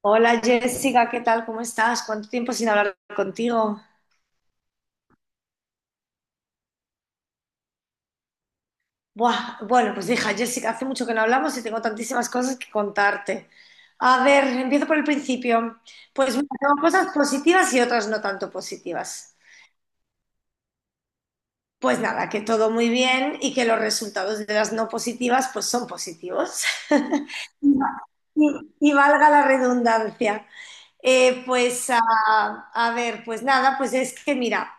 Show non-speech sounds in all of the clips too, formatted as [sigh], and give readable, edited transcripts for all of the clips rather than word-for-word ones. Hola Jessica, ¿qué tal? ¿Cómo estás? ¿Cuánto tiempo sin hablar contigo? Buah, bueno, pues hija, Jessica, hace mucho que no hablamos y tengo tantísimas cosas que contarte. A ver, empiezo por el principio. Pues mira, tengo cosas positivas y otras no tanto positivas. Pues nada, que todo muy bien y que los resultados de las no positivas pues son positivos. [laughs] Y, y valga la redundancia. Pues a ver, pues nada, pues es que mira.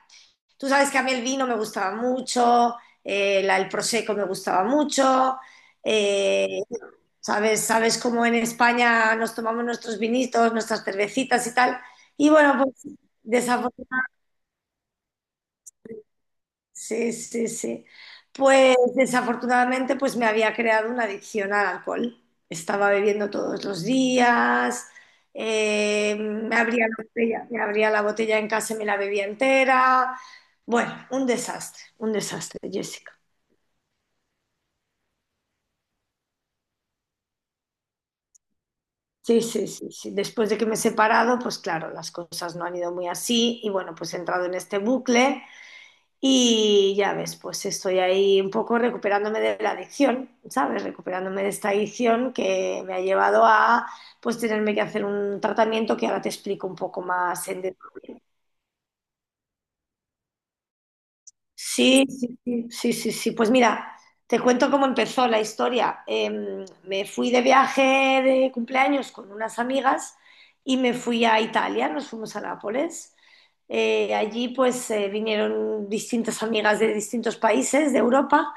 Tú sabes que a mí el vino me gustaba mucho, el prosecco me gustaba mucho. eh, sabes cómo en España nos tomamos nuestros vinitos, nuestras cervecitas y tal. Y bueno, pues desafor- sí, sí, sí. Pues desafortunadamente pues me había creado una adicción al alcohol. Estaba bebiendo todos los días, me abría la botella en casa y me la bebía entera. Bueno, un desastre, Jessica. Sí, sí, sí, sí. Después de que me he separado, pues claro, las cosas no han ido muy así y bueno, pues he entrado en este bucle y ya ves, pues estoy ahí un poco recuperándome de la adicción, ¿sabes? Recuperándome de esta adicción que me ha llevado a pues tenerme que hacer un tratamiento que ahora te explico un poco más en detalle. Sí, sí, sí, sí, sí, sí. Pues mira, te cuento cómo empezó la historia. Me fui de viaje de cumpleaños con unas amigas y me fui a Italia, nos fuimos a Nápoles. Allí pues vinieron distintas amigas de distintos países de Europa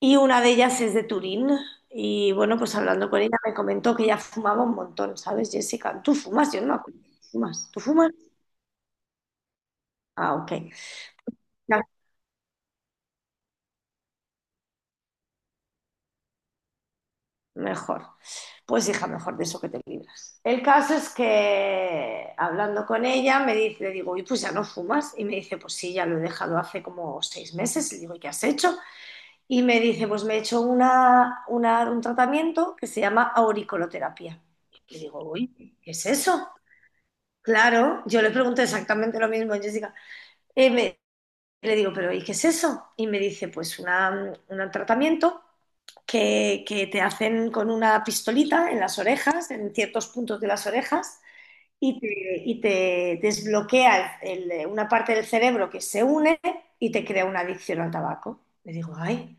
y una de ellas es de Turín. Y bueno, pues hablando con ella me comentó que ella fumaba un montón, ¿sabes, Jessica? Tú fumas, yo no me acuerdo. ¿Fumas? ¿Tú fumas? Ah, ok. Mejor. Pues hija, mejor de eso que te libras. El caso es que hablando con ella me dice, le digo, y pues ya no fumas. Y me dice, pues sí, ya lo he dejado hace como 6 meses. Le digo, ¿y qué has hecho? Y me dice, pues me he hecho un tratamiento que se llama auriculoterapia. Y le digo, uy, ¿qué es eso? Claro, yo le pregunto exactamente lo mismo a Jessica. Y me- Le digo, pero ¿y qué es eso? Y me dice, pues un tratamiento que te hacen con una pistolita en las orejas, en ciertos puntos de las orejas, y te, y te desbloquea una parte del cerebro que se une y te crea una adicción al tabaco. Le digo, ay,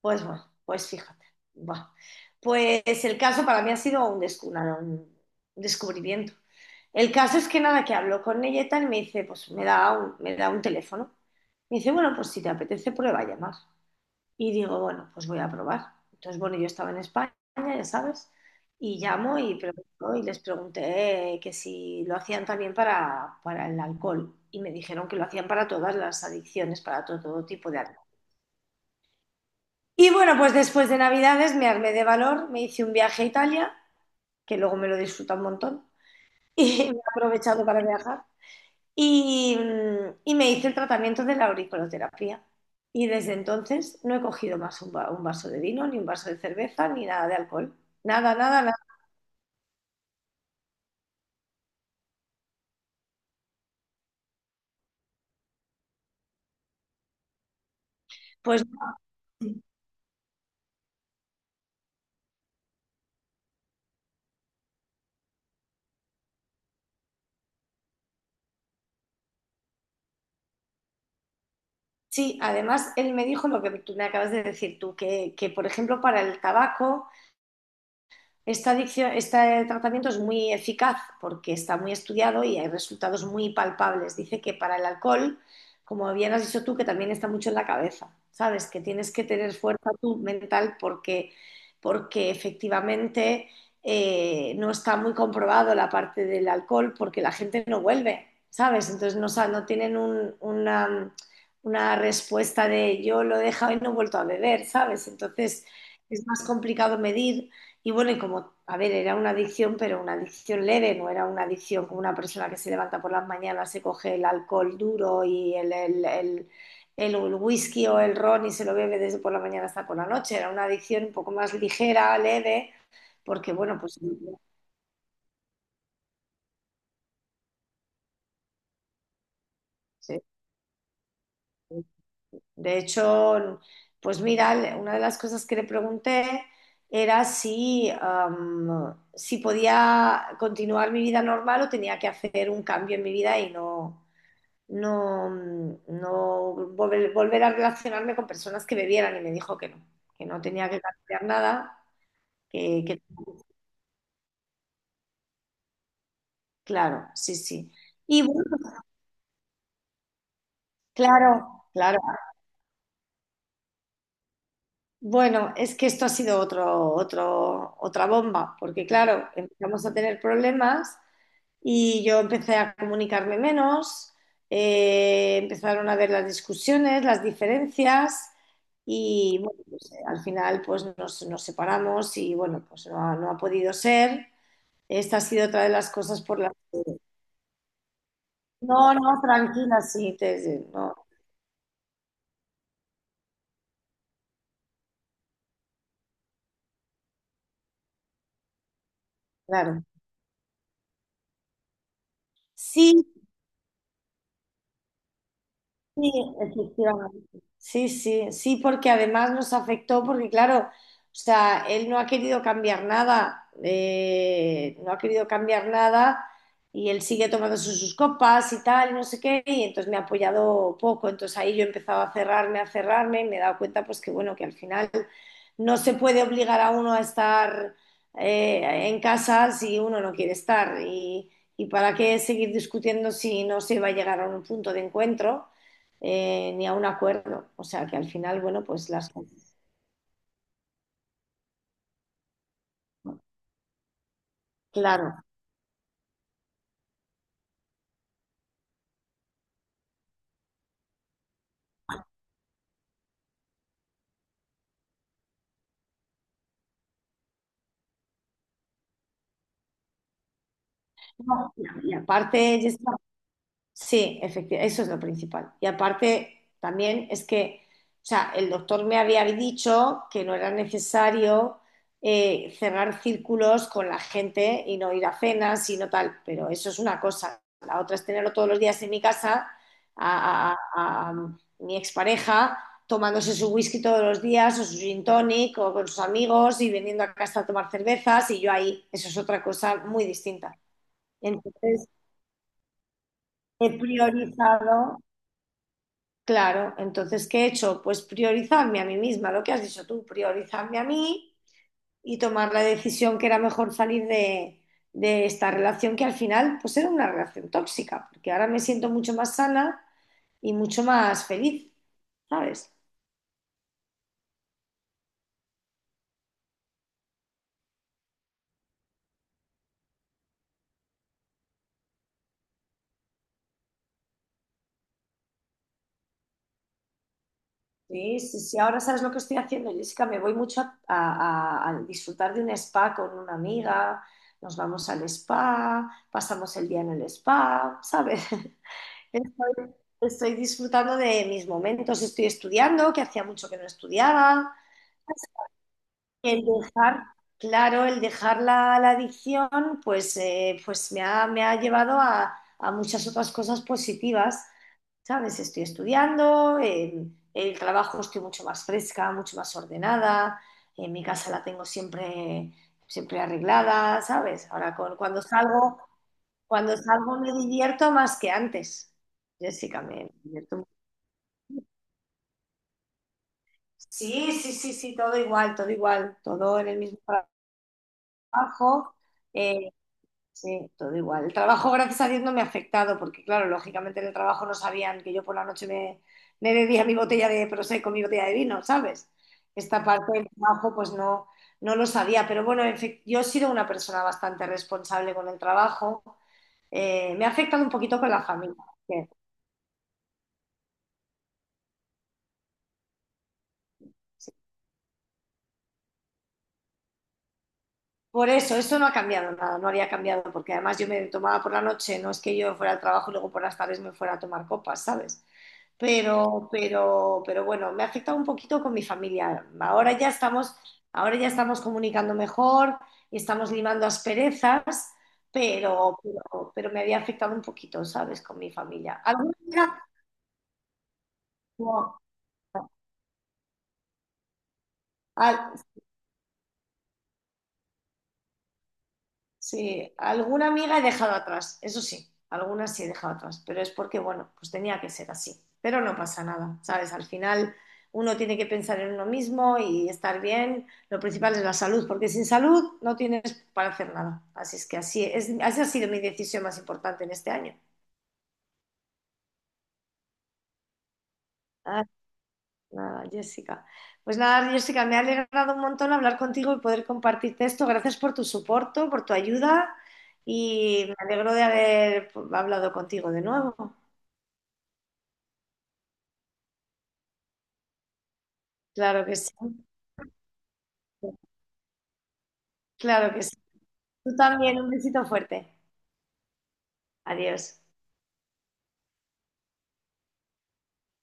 pues bueno, pues fíjate. Buah. Pues el caso para mí ha sido un descubrimiento. El caso es que nada, que hablo con ella y tal, y me dice, pues me da un teléfono. Me dice, bueno, pues si te apetece, prueba a llamar. Y digo, bueno, pues voy a probar. Entonces, bueno, yo estaba en España, ya sabes, y llamo y, pregunto, y les pregunté que si lo hacían también para, el alcohol. Y me dijeron que lo hacían para todas las adicciones, para todo tipo de adicciones. Y bueno, pues después de Navidades me armé de valor, me hice un viaje a Italia, que luego me lo disfruta un montón, [laughs] y me he aprovechado para viajar. Y me hice el tratamiento de la auriculoterapia. Y desde entonces no he cogido más un vaso de vino, ni un vaso de cerveza, ni nada de alcohol. Nada, nada, nada. Pues sí, además él me dijo lo que tú me acabas de decir tú, que por ejemplo para el tabaco. Este tratamiento es muy eficaz porque está muy estudiado y hay resultados muy palpables. Dice que para el alcohol, como bien has dicho tú, que también está mucho en la cabeza, ¿sabes? Que tienes que tener fuerza tú mental porque, porque efectivamente no está muy comprobado la parte del alcohol porque la gente no vuelve, ¿sabes? Entonces no tienen una respuesta de yo lo he dejado y no he vuelto a beber, ¿sabes? Entonces es más complicado medir. Y bueno, y como, a ver, era una adicción, pero una adicción leve, no era una adicción como una persona que se levanta por las mañanas, se coge el alcohol duro y el whisky o el ron y se lo bebe desde por la mañana hasta por la noche. Era una adicción un poco más ligera, leve, porque bueno, pues sí. De hecho, pues mira, una de las cosas que le pregunté era si podía continuar mi vida normal o tenía que hacer un cambio en mi vida y no, no volver a relacionarme con personas que bebieran y me dijo que no tenía que cambiar nada, que, que- claro, sí, sí. Y bueno, claro, claro. Bueno, es que esto ha sido otra bomba, porque claro, empezamos a tener problemas y yo empecé a comunicarme menos, empezaron a ver las discusiones, las diferencias y bueno, pues, al final pues nos separamos y bueno, pues no ha podido ser. Esta ha sido otra de las cosas por las... No, no, tranquila, sí, no, claro. Sí, sí, efectivamente. Sí, sí, sí, porque además nos afectó, porque claro, o sea, él no ha querido cambiar nada, no ha querido cambiar nada y él sigue tomando sus copas y tal, y no sé qué, y entonces me ha apoyado poco, entonces ahí yo he empezado a cerrarme, y me he dado cuenta pues que bueno, que al final no se puede obligar a uno a estar en casa si uno no quiere estar, y para qué seguir discutiendo si no se va a llegar a un punto de encuentro ni a un acuerdo. O sea que al final, bueno, pues las... Claro. No, y aparte, Jessica, sí, efectivamente, eso es lo principal. Y aparte, también es que, o sea, el doctor me había dicho que no era necesario cerrar círculos con la gente y no ir a cenas y no tal, pero eso es una cosa. La otra es tenerlo todos los días en mi casa, a mi expareja tomándose su whisky todos los días o su gin tonic o con sus amigos y viniendo a casa a tomar cervezas y yo ahí, eso es otra cosa muy distinta. Entonces, he priorizado. Claro, entonces, ¿qué he hecho? Pues priorizarme a mí misma, lo que has dicho tú, priorizarme a mí y tomar la decisión que era mejor salir de, esta relación que al final pues era una relación tóxica, porque ahora me siento mucho más sana y mucho más feliz, ¿sabes? Sí, sí, sí, ahora sabes lo que estoy haciendo, Jessica, me voy mucho a disfrutar de un spa con una amiga, nos vamos al spa, pasamos el día en el spa, ¿sabes? Estoy, estoy disfrutando de mis momentos, estoy estudiando, que hacía mucho que no estudiaba, el dejar, claro, el dejar la adicción, pues me ha llevado a muchas otras cosas positivas, ¿sabes? Estoy estudiando, en el trabajo estoy mucho más fresca, mucho más ordenada, en mi casa la tengo siempre, siempre arreglada, ¿sabes? Ahora cuando salgo me divierto más que antes. Jessica, me divierto. Sí, sí, sí, sí, todo igual, todo igual, todo en el mismo trabajo. eh, sí, todo igual. El trabajo, gracias a Dios, no me ha afectado, porque claro, lógicamente en el trabajo no sabían que yo por la noche me bebía mi botella de prosecco, mi botella de vino, ¿sabes? Esta parte del trabajo, pues no, no lo sabía, pero bueno, en fin, yo he sido una persona bastante responsable con el trabajo. Me ha afectado un poquito con la familia. Por eso, esto no ha cambiado nada, no había cambiado, porque además yo me tomaba por la noche, no es que yo fuera al trabajo y luego por las tardes me fuera a tomar copas, ¿sabes? Pero bueno, me ha afectado un poquito con mi familia. Ahora ya estamos comunicando mejor y estamos limando asperezas, pero me había afectado un poquito, ¿sabes? Con mi familia. ¿Alguna amiga? No. Al- Sí, alguna amiga he dejado atrás, eso sí, algunas sí he dejado atrás, pero es porque, bueno, pues tenía que ser así. Pero no pasa nada, ¿sabes? Al final uno tiene que pensar en uno mismo y estar bien. Lo principal es la salud, porque sin salud no tienes para hacer nada. Así es que así es, así ha sido mi decisión más importante en este año. Nada, Jessica. Pues nada, Jessica, me ha alegrado un montón hablar contigo y poder compartirte esto. Gracias por tu soporte, por tu ayuda y me alegro de haber hablado contigo de nuevo. Claro que sí. Claro que sí. Tú también, un besito fuerte. Adiós.